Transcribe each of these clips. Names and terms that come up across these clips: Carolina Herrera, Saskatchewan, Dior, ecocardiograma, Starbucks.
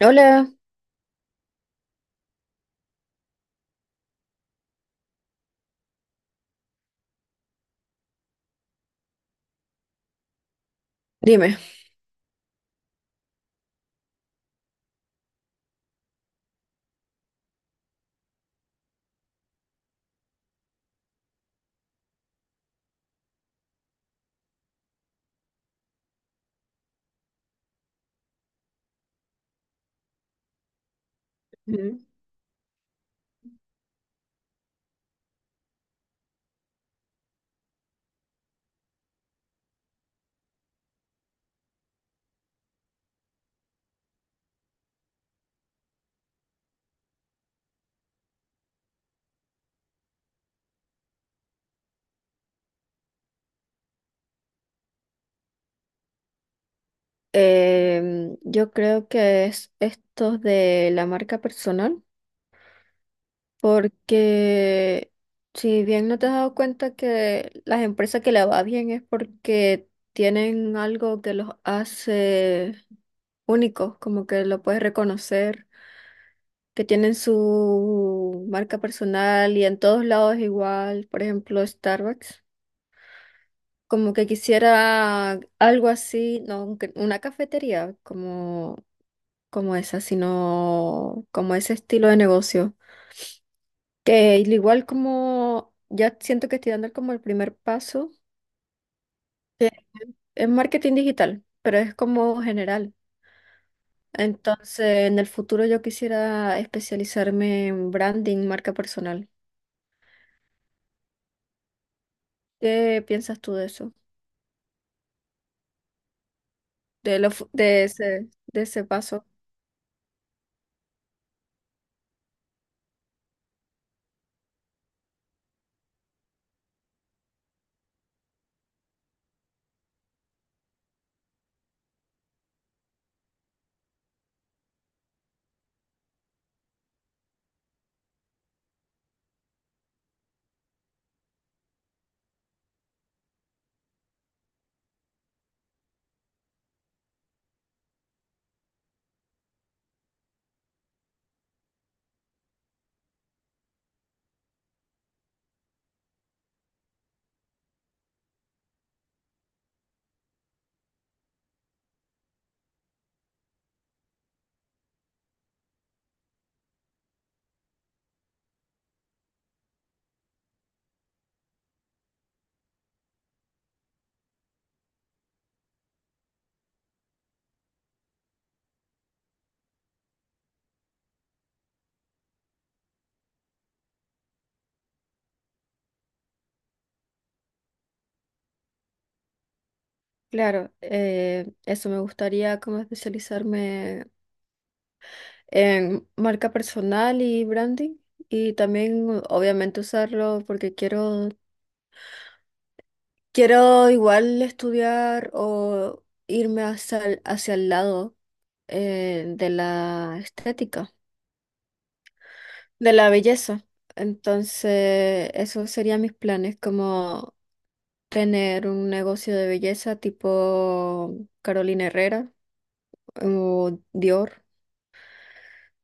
Hola, dime. Ujú. Yo creo que es esto de la marca personal, porque si bien no te has dado cuenta que las empresas que le va bien es porque tienen algo que los hace únicos, como que lo puedes reconocer, que tienen su marca personal y en todos lados es igual, por ejemplo, Starbucks. Como que quisiera algo así, no un una cafetería como, como esa, sino como ese estilo de negocio. Que al igual como ya siento que estoy dando como el primer paso, que es marketing digital, pero es como general. Entonces, en el futuro yo quisiera especializarme en branding, marca personal. ¿Qué piensas tú de eso? De de de ese paso. Claro, eso me gustaría como especializarme en marca personal y branding y también obviamente usarlo porque quiero igual estudiar o irme hacia hacia el lado de la estética, de la belleza. Entonces, esos serían mis planes, como tener un negocio de belleza tipo Carolina Herrera o Dior,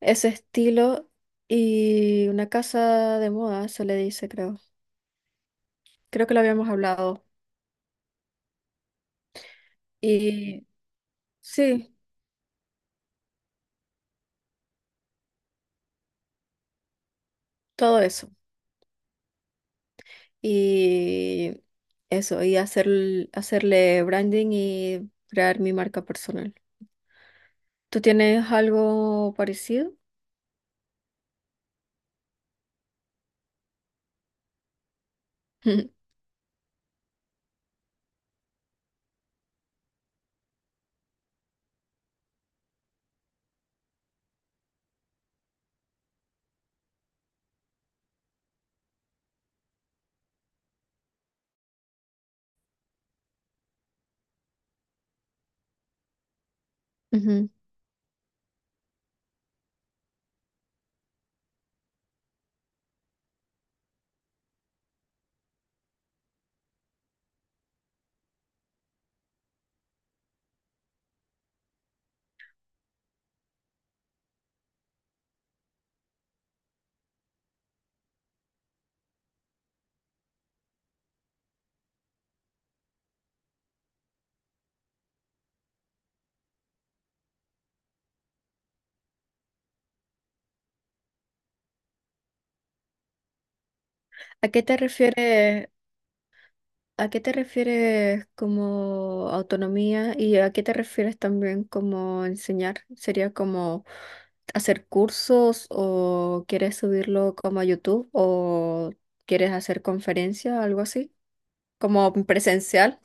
ese estilo y una casa de moda, se le dice, creo. Creo que lo habíamos hablado. Y sí, todo eso. Y eso, y hacerle branding y crear mi marca personal. ¿Tú tienes algo parecido? Ujú. ¿A qué te refieres, a qué te refieres como autonomía y a qué te refieres también como enseñar? ¿Sería como hacer cursos o quieres subirlo como a YouTube o quieres hacer conferencias, algo así? Como presencial,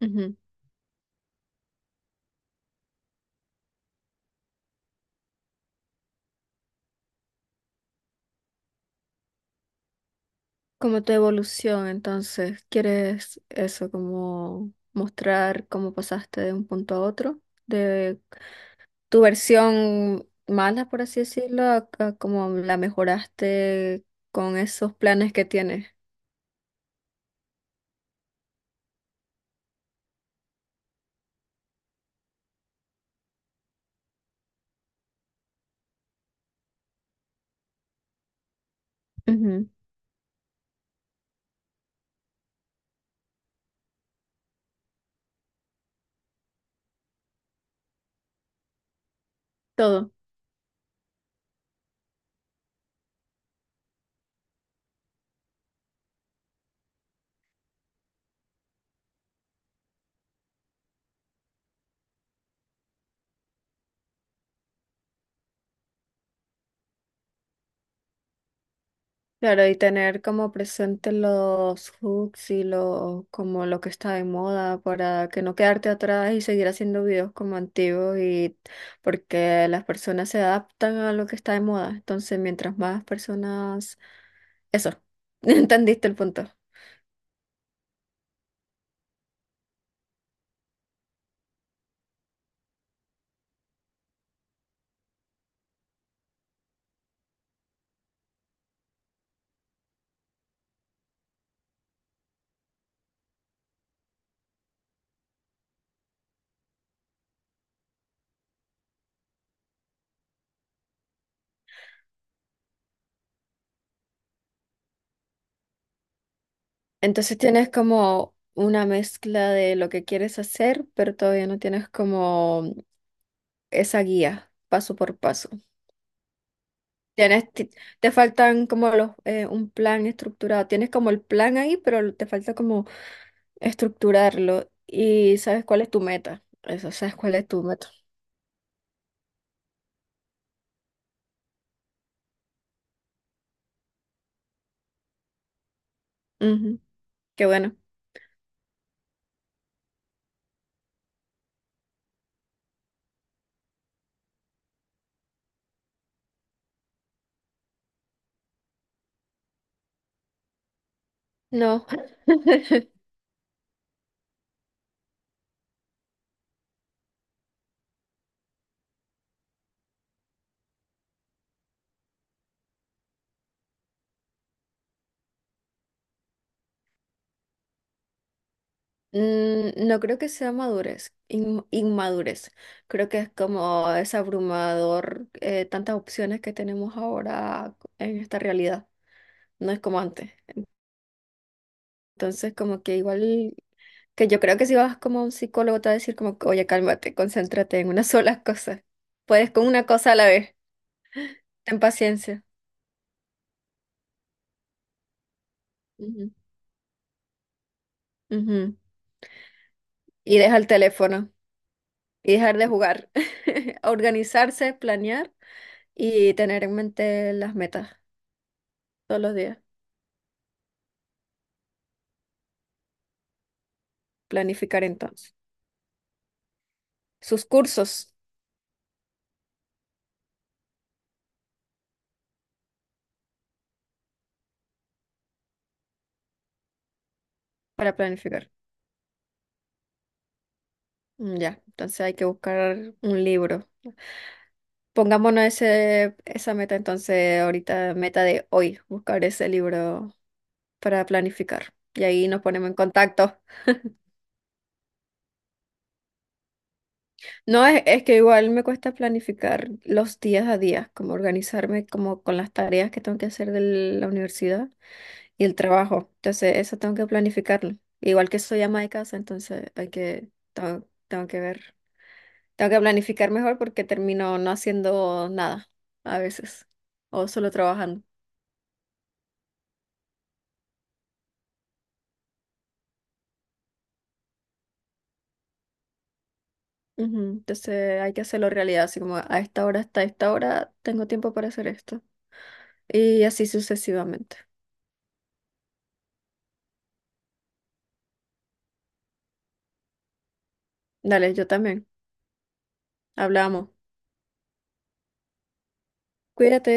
ujú. Como tu evolución, entonces, ¿quieres eso, como mostrar cómo pasaste de un punto a otro? De tu versión mala, por así decirlo, a cómo la mejoraste con esos planes que tienes. Ujú. Todo. Claro, y tener como presente los hooks y como lo que está de moda para que no quedarte atrás y seguir haciendo videos como antiguos y porque las personas se adaptan a lo que está de moda. Entonces, mientras más personas... Eso, entendiste el punto. Entonces tienes como una mezcla de lo que quieres hacer, pero todavía no tienes como esa guía paso por paso. Tienes, ti- Te faltan como los, un plan estructurado. Tienes como el plan ahí, pero te falta como estructurarlo. Y sabes cuál es tu meta. Eso, sabes cuál es tu meta. Ujú. Qué bueno. No, no creo que sea madurez, inmadurez. Creo que es como es abrumador tantas opciones que tenemos ahora en esta realidad. No es como antes. Entonces, como que igual. Que yo creo que si vas como a un psicólogo te va a decir como, que, oye, cálmate, concéntrate en una sola cosa. Puedes con una cosa a la vez. Ten paciencia. Ujú, ujú. Y deja el teléfono y dejar de jugar. Organizarse, planear y tener en mente las metas todos los días. Planificar entonces. Sus cursos para planificar. Mm, ya, entonces hay que buscar un libro. Pongámonos esa meta entonces ahorita, meta de hoy, buscar ese libro para planificar. Y ahí nos ponemos en contacto. No, es que igual me cuesta planificar los días a días, como organizarme como con las tareas que tengo que hacer de la universidad y el trabajo. Entonces, eso tengo que planificarlo. Igual que soy ama de casa, entonces hay que, tengo que ver, tengo que planificar mejor porque termino no haciendo nada a veces o solo trabajando. Ujú. Entonces hay que hacerlo realidad, así como a esta hora hasta esta hora tengo tiempo para hacer esto y así sucesivamente. Dale, yo también. Hablamos. Cuídate.